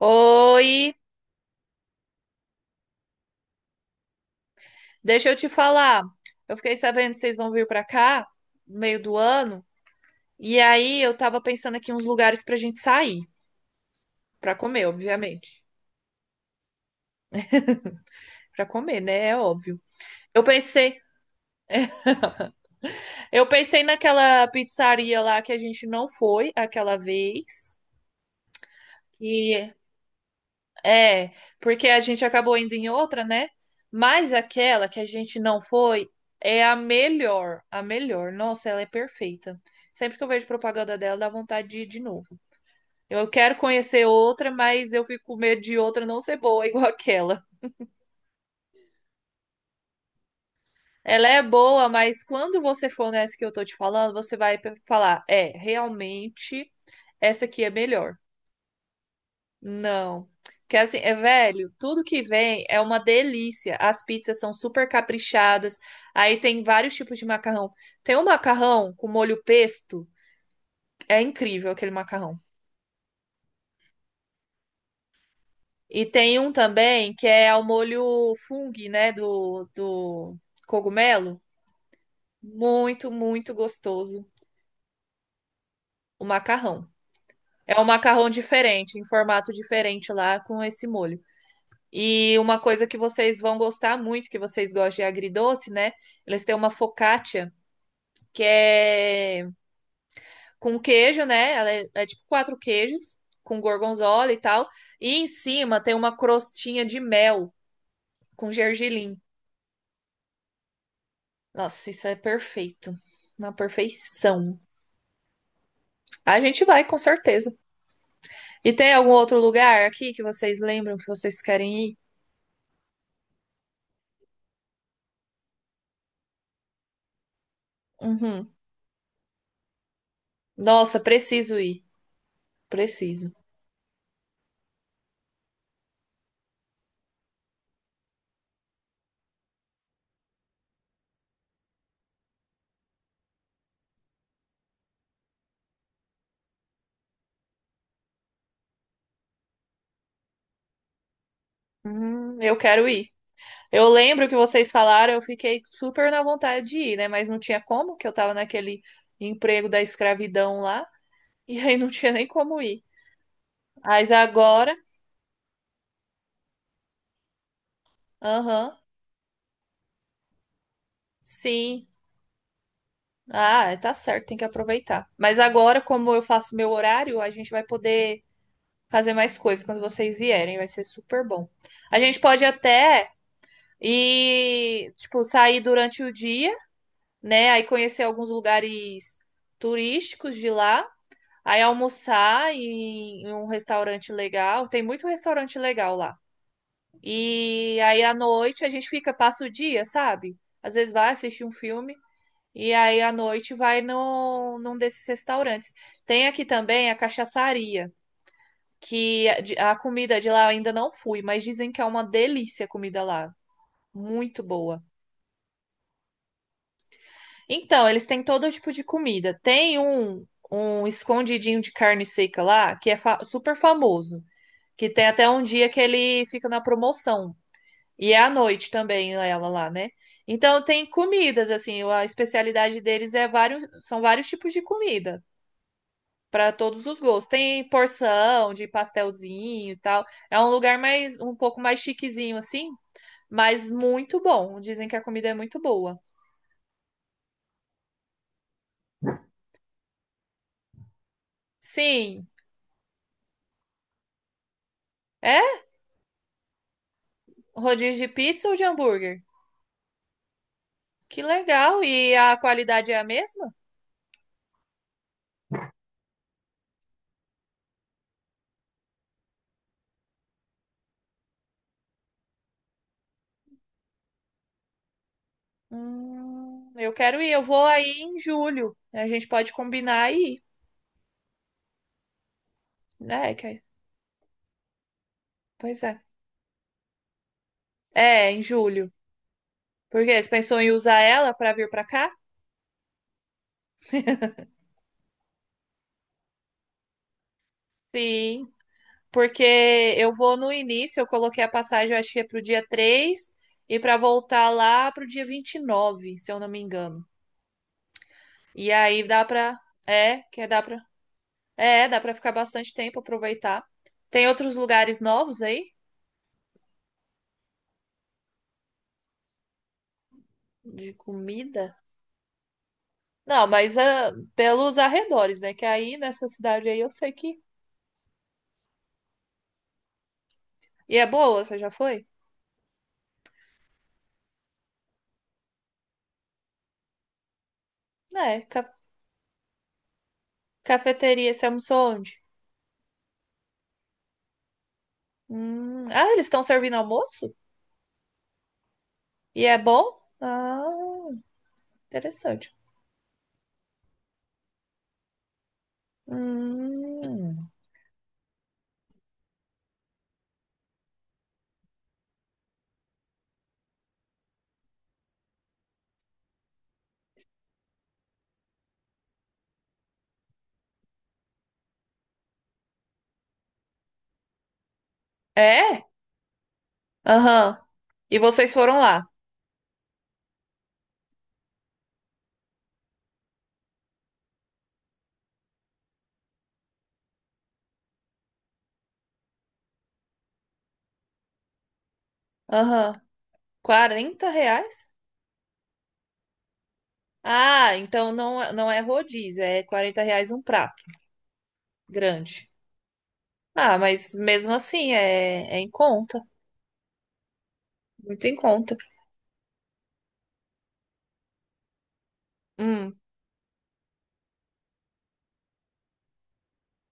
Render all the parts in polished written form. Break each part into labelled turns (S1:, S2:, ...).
S1: Oi, deixa eu te falar. Eu fiquei sabendo que vocês vão vir pra cá no meio do ano, e aí eu tava pensando aqui uns lugares pra gente sair, pra comer, obviamente. Pra comer, né? É óbvio. Eu pensei, eu pensei naquela pizzaria lá que a gente não foi aquela vez, e É, porque a gente acabou indo em outra, né? Mas aquela que a gente não foi é a melhor, a melhor. Nossa, ela é perfeita. Sempre que eu vejo propaganda dela, dá vontade de ir de novo. Eu quero conhecer outra, mas eu fico com medo de outra não ser boa igual aquela. Ela é boa, mas quando você for nessa que eu tô te falando, você vai falar, é, realmente essa aqui é melhor. Não. Que assim, é velho, tudo que vem é uma delícia. As pizzas são super caprichadas. Aí tem vários tipos de macarrão. Tem um macarrão com molho pesto, é incrível aquele macarrão. E tem um também que é ao molho fung, né, do cogumelo. Muito, muito gostoso o macarrão. É um macarrão diferente, em formato diferente lá com esse molho. E uma coisa que vocês vão gostar muito, que vocês gostam de agridoce, né? Eles têm uma focaccia, que é com queijo, né? Ela é, é tipo quatro queijos, com gorgonzola e tal. E em cima tem uma crostinha de mel com gergelim. Nossa, isso é perfeito. Na perfeição. A gente vai, com certeza. E tem algum outro lugar aqui que vocês lembram que vocês querem ir? Uhum. Nossa, preciso ir. Preciso. Eu quero ir. Eu lembro que vocês falaram, eu fiquei super na vontade de ir, né? Mas não tinha como, que eu tava naquele emprego da escravidão lá, e aí não tinha nem como ir. Mas agora, aham, sim. Ah, tá certo, tem que aproveitar. Mas agora, como eu faço meu horário, a gente vai poder fazer mais coisas quando vocês vierem, vai ser super bom. A gente pode até ir, tipo, sair durante o dia, né? Aí conhecer alguns lugares turísticos de lá. Aí almoçar em um restaurante legal. Tem muito restaurante legal lá. E aí à noite a gente fica, passa o dia, sabe? Às vezes vai assistir um filme. E aí à noite vai num desses restaurantes. Tem aqui também a cachaçaria, que a comida de lá eu ainda não fui, mas dizem que é uma delícia a comida lá. Muito boa. Então, eles têm todo tipo de comida. Tem um escondidinho de carne seca lá, que é super famoso. Que tem até um dia que ele fica na promoção. E é à noite também ela lá, né? Então tem comidas, assim, a especialidade deles são vários tipos de comida para todos os gostos. Tem porção de pastelzinho e tal. É um lugar mais um pouco mais chiquezinho assim, mas muito bom. Dizem que a comida é muito boa. Sim, é rodízio de pizza ou de hambúrguer? Que legal! E a qualidade é a mesma? Eu quero ir, eu vou aí em julho. A gente pode combinar aí, né? Que, pois é. É, em julho. Por quê? Você pensou em usar ela para vir para cá? Sim, porque eu vou no início, eu coloquei a passagem, eu acho que é pro dia 3 e para voltar lá pro dia 29, se eu não me engano. E aí dá pra. É, que dá pra. É, dá pra ficar bastante tempo aproveitar. Tem outros lugares novos aí de comida? Não, mas ah, pelos arredores, né? Que aí nessa cidade aí eu sei que. E é boa, você já foi? É, cafeteria, você almoçou onde? Ah, eles estão servindo almoço? E é bom? Ah, interessante. Hum. É? Aham. E vocês foram lá? Aham. R$ 40? Ah, então não, não é rodízio, é R$ 40 um prato grande. Ah, mas mesmo assim é, é em conta, muito em conta. Hum.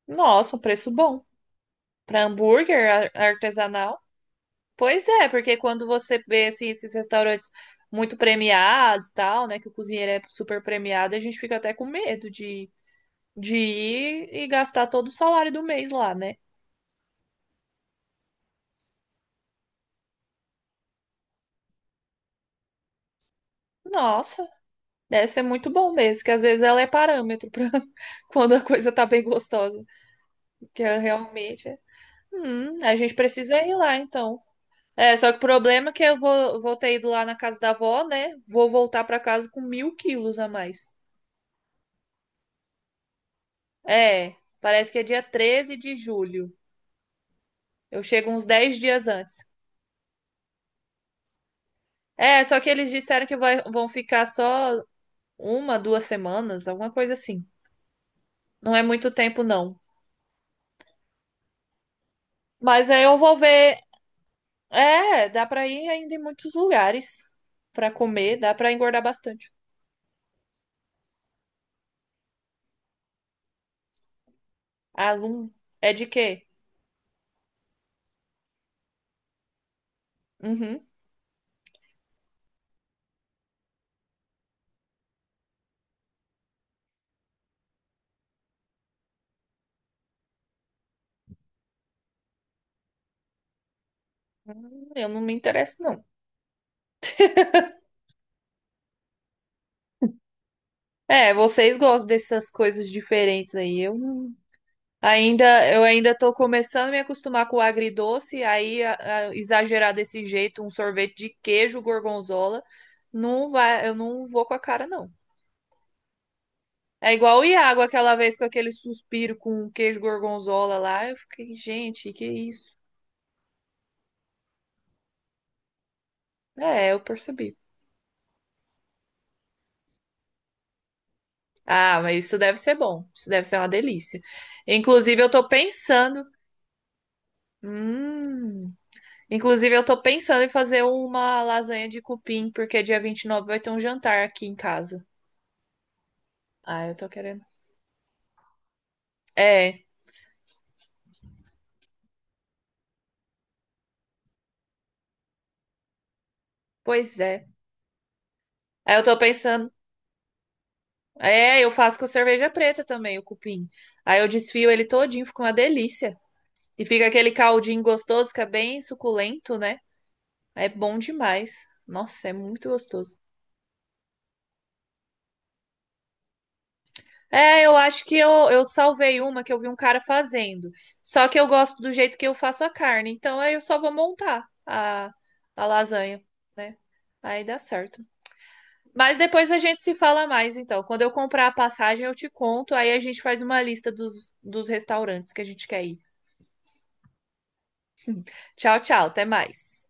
S1: Nossa, um preço bom. Para hambúrguer artesanal? Pois é, porque quando você vê assim, esses restaurantes muito premiados, e tal, né, que o cozinheiro é super premiado, a gente fica até com medo de ir e gastar todo o salário do mês lá, né? Nossa, deve ser muito bom mesmo, que às vezes ela é parâmetro para quando a coisa tá bem gostosa, que é realmente é. A gente precisa ir lá então. É, só que o problema é que eu vou ter ido lá na casa da avó, né? Vou voltar pra casa com mil quilos a mais. É, parece que é dia 13 de julho. Eu chego uns 10 dias antes. É, só que eles disseram que vão ficar só uma, duas semanas, alguma coisa assim. Não é muito tempo, não. Mas aí eu vou ver. É, dá pra ir ainda em muitos lugares pra comer, dá pra engordar bastante. Alum, é de quê? Uhum. Eu não me interesso, não. É, vocês gostam dessas coisas diferentes aí. Eu não- ainda, eu ainda tô começando a me acostumar com o agridoce, aí a exagerar desse jeito, um sorvete de queijo gorgonzola, não vai, eu não vou com a cara, não. É igual o Iago aquela vez com aquele suspiro com queijo gorgonzola lá, eu fiquei, gente, que isso? É, eu percebi. Ah, mas isso deve ser bom, isso deve ser uma delícia. Inclusive, eu tô pensando, hum. Inclusive, eu tô pensando em fazer uma lasanha de cupim, porque dia 29 vai ter um jantar aqui em casa. Ah, eu tô querendo. É, pois é. Aí eu tô pensando. É, eu faço com cerveja preta também, o cupim. Aí eu desfio ele todinho, fica uma delícia. E fica aquele caldinho gostoso, que é bem suculento, né? É bom demais. Nossa, é muito gostoso. É, eu acho que eu salvei uma que eu vi um cara fazendo. Só que eu gosto do jeito que eu faço a carne. Então aí eu só vou montar a lasanha, né? Aí dá certo. Mas depois a gente se fala mais, então. Quando eu comprar a passagem, eu te conto. Aí a gente faz uma lista dos restaurantes que a gente quer ir. Tchau, tchau. Até mais.